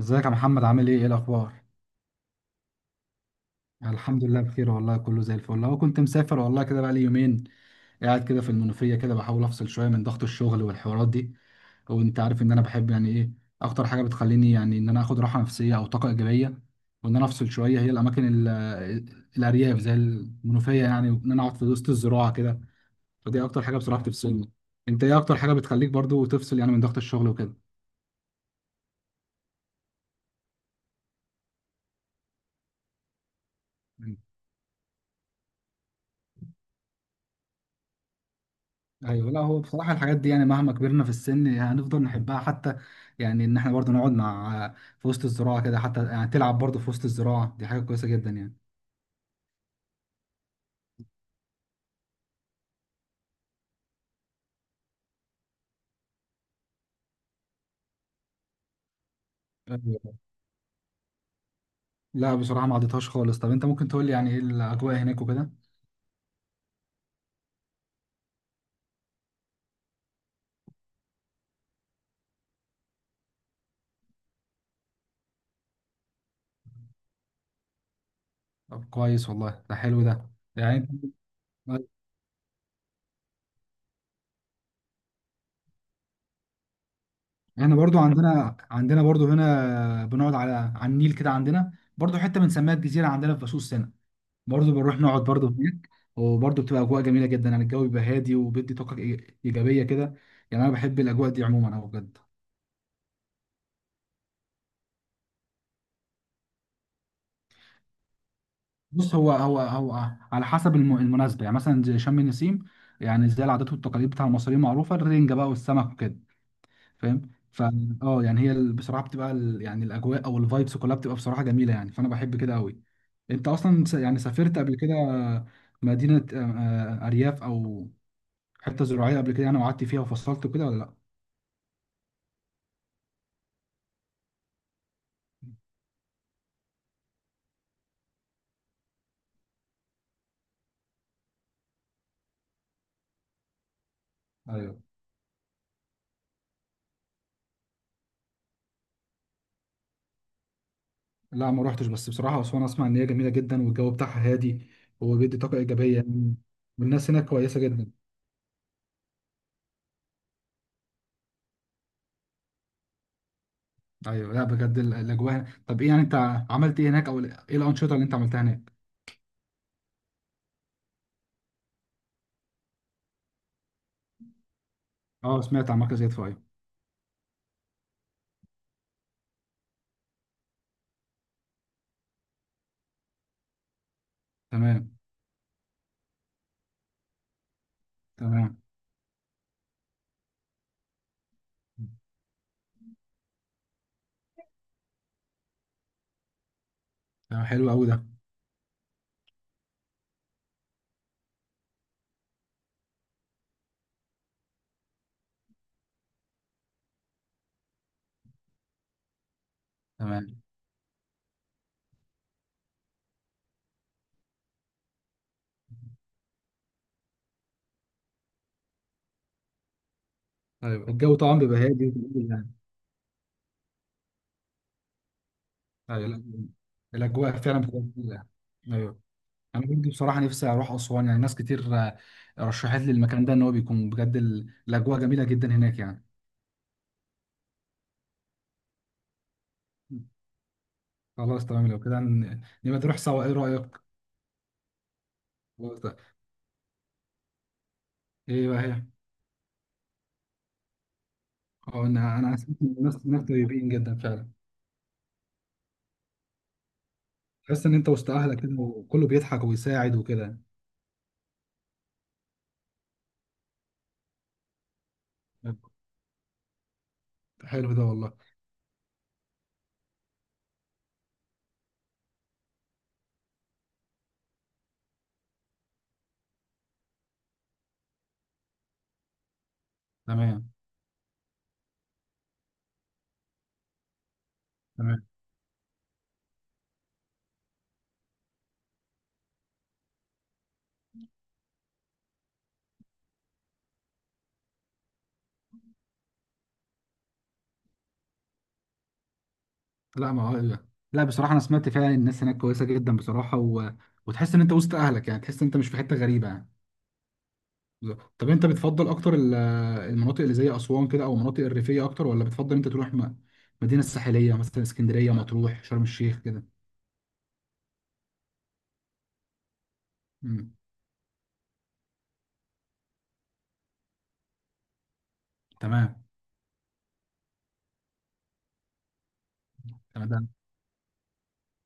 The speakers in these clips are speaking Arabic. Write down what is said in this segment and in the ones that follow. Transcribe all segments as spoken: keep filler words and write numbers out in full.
ازيك يا محمد، عامل ايه؟ ايه الاخبار؟ الحمد لله بخير والله، كله زي الفل. هو كنت مسافر والله، كده بقى لي يومين قاعد كده في المنوفيه، كده بحاول افصل شويه من ضغط الشغل والحوارات دي. وانت عارف ان انا بحب يعني ايه اكتر حاجه بتخليني، يعني ان انا اخد راحه نفسيه او طاقه ايجابيه وان انا افصل شويه، هي الاماكن ال- الارياف زي المنوفيه يعني، وان انا اقعد في وسط الزراعه كده. فدي اكتر حاجه بصراحه بتفصلني. انت ايه اكتر حاجه بتخليك برضو تفصل يعني من ضغط الشغل وكده؟ ايوه. لا هو بصراحه الحاجات دي يعني مهما كبرنا في السن هنفضل نحبها، حتى يعني ان احنا برضو نقعد مع في وسط الزراعه كده. حتى يعني تلعب برضو في وسط الزراعه، دي حاجه كويسه جدا يعني. أيوة. لا بصراحه ما عدتهاش خالص. طب انت ممكن تقول لي يعني ايه الاجواء هناك وكده؟ طب كويس والله، ده حلو ده. يعني احنا برضو عندنا، عندنا برضو هنا بنقعد على على النيل كده. عندنا برضو حته بنسميها الجزيره عندنا في باسوس هنا. برضه بنروح نقعد برضه هناك، وبرضه بتبقى اجواء جميله جدا يعني. الجو بيبقى هادي وبيدي طاقه إي- ايجابيه كده، يعني انا بحب الاجواء دي عموما او بجد. بص، هو هو هو على حسب الم- المناسبه، يعني مثلا زي شم النسيم، يعني زي العادات والتقاليد بتاع المصريين معروفه، الرنجه بقى والسمك وكده. فاهم؟ ف اه يعني هي ال- بصراحه بتبقى ال- يعني الاجواء او الفايبس كلها بتبقى بصراحه جميله يعني، فانا بحب كده قوي. انت اصلا س- يعني سافرت قبل كده مدينه، آه، آه، ارياف او حته زراعيه قبل كده يعني، وقعدت فيها وفصلت وكده ولا لا؟ ايوه. لا ما روحتش، بس بصراحه اسوان اسمع ان هي جميله جدا والجو بتاعها هادي وبيدي طاقه ايجابيه يعني، والناس هناك كويسه جدا. ايوه. لا بجد ال- الاجواء هنا- طب ايه يعني انت عملت ايه هناك، او ال- ايه الانشطه اللي انت عملتها هناك؟ اه سمعت عن مركز يدفع، ايوه. تمام. تمام. تمام، حلو قوي ده. تمام. ايوه، الجو طبعا بيبقى هادي وجميل يعني. ايوه. لا، الاجواء فعلا بتبقى جميله يعني. ايوه. انا كنت بصراحه نفسي اروح اسوان، يعني ناس كتير آه، رشحت لي المكان ده ان هو بيكون بجد ال- الاجواء جميله جدا هناك يعني. خلاص تمام، لو كده هن- نبقى نروح سوا، ايه رأيك؟ خلاص ده. ايه بقى هي؟ اه، انا انا حسيت إن الناس ناس طيبين جدا فعلا. تحس ان انت وسط اهلك كده، وكله بيضحك ويساعد وكده. حلو ده والله. تمام، تمام. لا ما هو إيه. لا بصراحة انا سمعت فعلا إن الناس هناك كويسة جدا بصراحة، و... وتحس ان انت وسط اهلك، يعني تحس ان انت مش في حتة غريبة يعني. بالظبط. طب انت بتفضل اكتر ال- المناطق اللي زي اسوان كده، او المناطق الريفية اكتر، ولا بتفضل انت تروح م- مدينة ساحلية مثلا، اسكندرية، مطروح، شرم الشيخ كده؟ مم. تمام. تمام.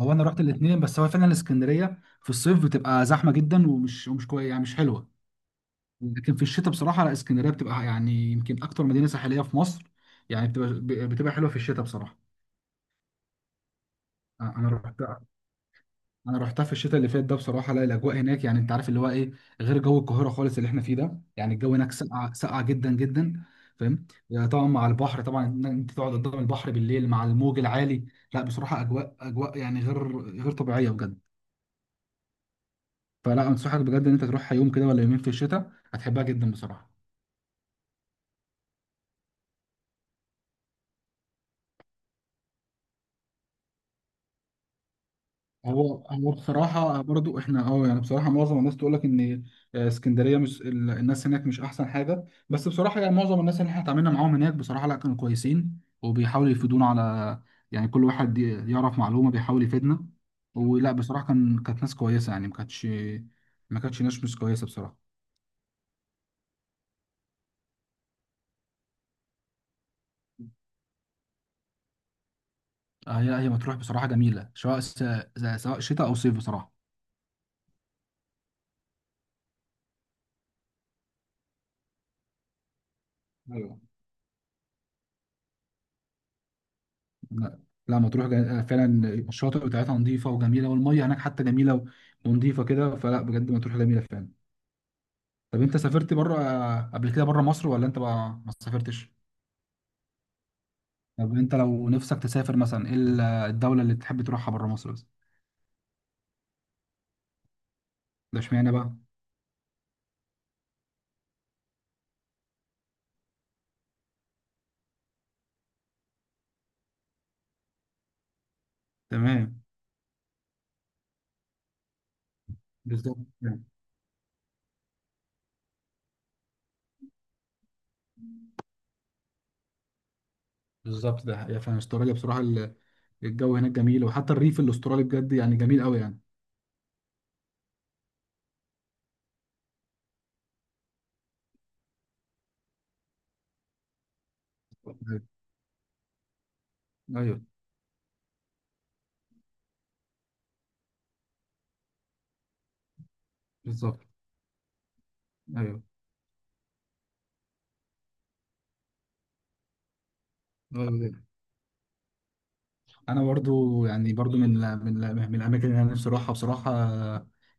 هو انا رحت الاثنين، بس هو فعلا الاسكندريه في الصيف بتبقى زحمه جدا، ومش ومش كويس يعني، مش حلوه. لكن في الشتاء بصراحه لا، اسكندريه بتبقى يعني يمكن اكتر مدينه ساحليه في مصر، يعني بتبقى بتبقى حلوه في الشتاء بصراحه. انا رحت انا رحتها في الشتاء اللي فات ده بصراحه. لا الاجواء هناك يعني انت عارف اللي هو ايه، غير جو القاهره خالص اللي احنا فيه ده. يعني الجو هناك ساقع ساقع جدا جدا، فاهم يعني؟ طبعا مع البحر، طبعا إن انت تقعد قدام البحر بالليل مع الموج العالي، لا بصراحه اجواء اجواء يعني غير غير طبيعيه بجد. فلا، انصحك بجد ان انت تروحها يوم كده ولا يومين في الشتاء، هتحبها جدا بصراحه. هو هو بصراحه برضو احنا، اه يعني بصراحه معظم الناس تقول لك ان آه، اسكندريه مش ال- الناس هناك مش احسن حاجه، بس بصراحه يعني معظم الناس اللي احنا اتعاملنا معاهم هناك بصراحه لا، كانوا كويسين وبيحاولوا يفيدونا على، يعني كل واحد ي- يعرف معلومه بيحاول يفيدنا. ولا بصراحه كان كانت ناس كويسه يعني، ما كانتش ما كانتش ناس مش كويسه بصراحه. آه، هي هي مطروح بصراحه جميله، سواء س- سواء شتاء او صيف بصراحه. ايوه. لا لا، مطروح جا- فعلا الشواطئ بتاعتها نظيفه وجميله، والميه هناك حتى جميله ونظيفه كده، فلا بجد مطروح جميله فعلا. طب انت سافرت بره قبل كده، بره مصر، ولا انت بقى ما سافرتش؟ طب انت لو نفسك تسافر مثلا، ايه ال- الدوله اللي تحب تروحها بره مصر بس؟ ده اشمعنى بقى؟ تمام. بالظبط يعني. بالظبط، ده هي فعلا استراليا بصراحه ال- الجو هناك جميل، وحتى الريف الاسترالي بجد يعني جميل قوي يعني. ايوه. أيوة. بالظبط. ايوه، انا برضو يعني برضو من من من الاماكن اللي انا نفسي اروحها بصراحه،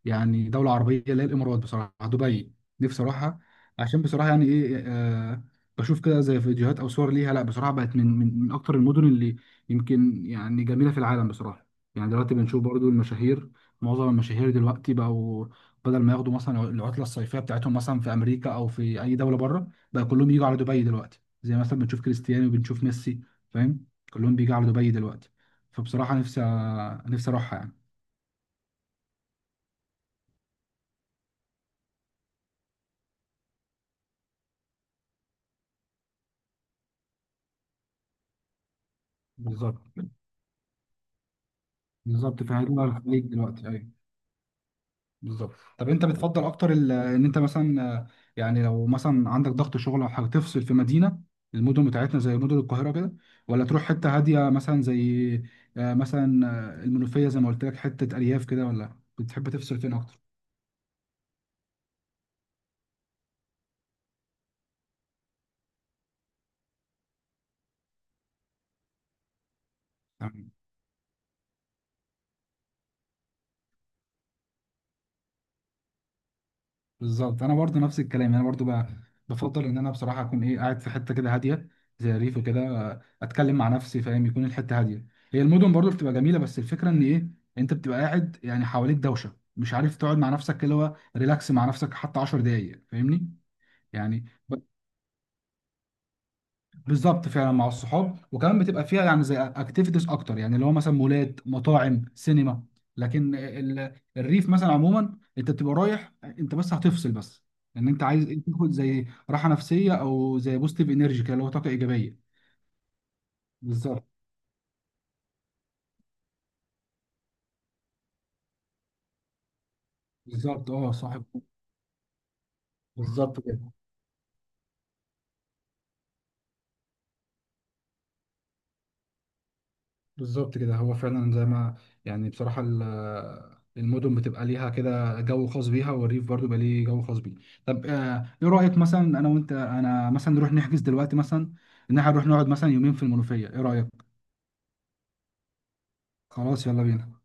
يعني دوله عربيه اللي هي الامارات، بصراحه دبي، نفسي اروحها. عشان بصراحه يعني ايه، آه بشوف كده زي فيديوهات او صور ليها. لا بصراحه بقت من من من اكتر المدن اللي يمكن يعني جميله في العالم بصراحه. يعني دلوقتي بنشوف برضو المشاهير، معظم المشاهير دلوقتي بقوا بدل ما ياخدوا مثلا العطله الصيفيه بتاعتهم مثلا في امريكا او في اي دوله بره بقى، كلهم يجوا على دبي دلوقتي، زي مثلا بنشوف كريستيانو، بنشوف ميسي، فاهم؟ كلهم بيجوا على دبي دلوقتي، فبصراحة نفسي، نفسي أروحها يعني. بالظبط. بالظبط، فهجوم الخليج دلوقتي. أيوة، بالظبط. طب أنت بتفضل أكتر ال- إن أنت مثلا آه، يعني لو مثلا عندك ضغط شغل أو حاجة تفصل في مدينة، المدن بتاعتنا زي مدن القاهرة كده، ولا تروح حتة هادية مثلا زي آه، مثلا آه، المنوفية زي ما قلت لك، حتة أرياف كده، ولا بتحب تفصل فين أكتر؟ بالظبط، انا برضو نفس الكلام. انا برضو ب- بفضل ان انا بصراحه اكون ايه، قاعد في حته كده هاديه زي الريف وكده، آه، اتكلم مع نفسي فاهم، يكون الحته هاديه. هي المدن برضو بتبقى جميله، بس الفكره ان ايه، انت بتبقى قاعد يعني حواليك دوشه، مش عارف تقعد مع نفسك كده اللي هو ريلاكس مع نفسك حتى 10 دقايق، فاهمني يعني؟ بالظبط، فعلا مع الصحاب، وكمان بتبقى فيها يعني زي اكتيفيتيز اكتر، يعني اللي هو مثلا مولات، مطاعم، سينما. لكن ال- الريف مثلا عموما انت بتبقى رايح انت بس هتفصل بس، لان انت عايز إيه، تاخد زي راحه نفسيه او زي بوزيتيف انرجي كده اللي هو طاقه ايجابيه. بالظبط. بالظبط. اه صاحب. بالظبط كده. بالظبط كده، هو فعلا زي ما يعني بصراحة ال- المدن بتبقى ليها كده جو خاص بيها، والريف برضو بقى ليه جو خاص بيه. طب آه، ايه رأيك مثلا انا وانت، انا مثلا نروح نحجز دلوقتي، مثلا ان احنا نروح نقعد مثلا يومين في المنوفية، ايه رأيك؟ خلاص يلا بينا.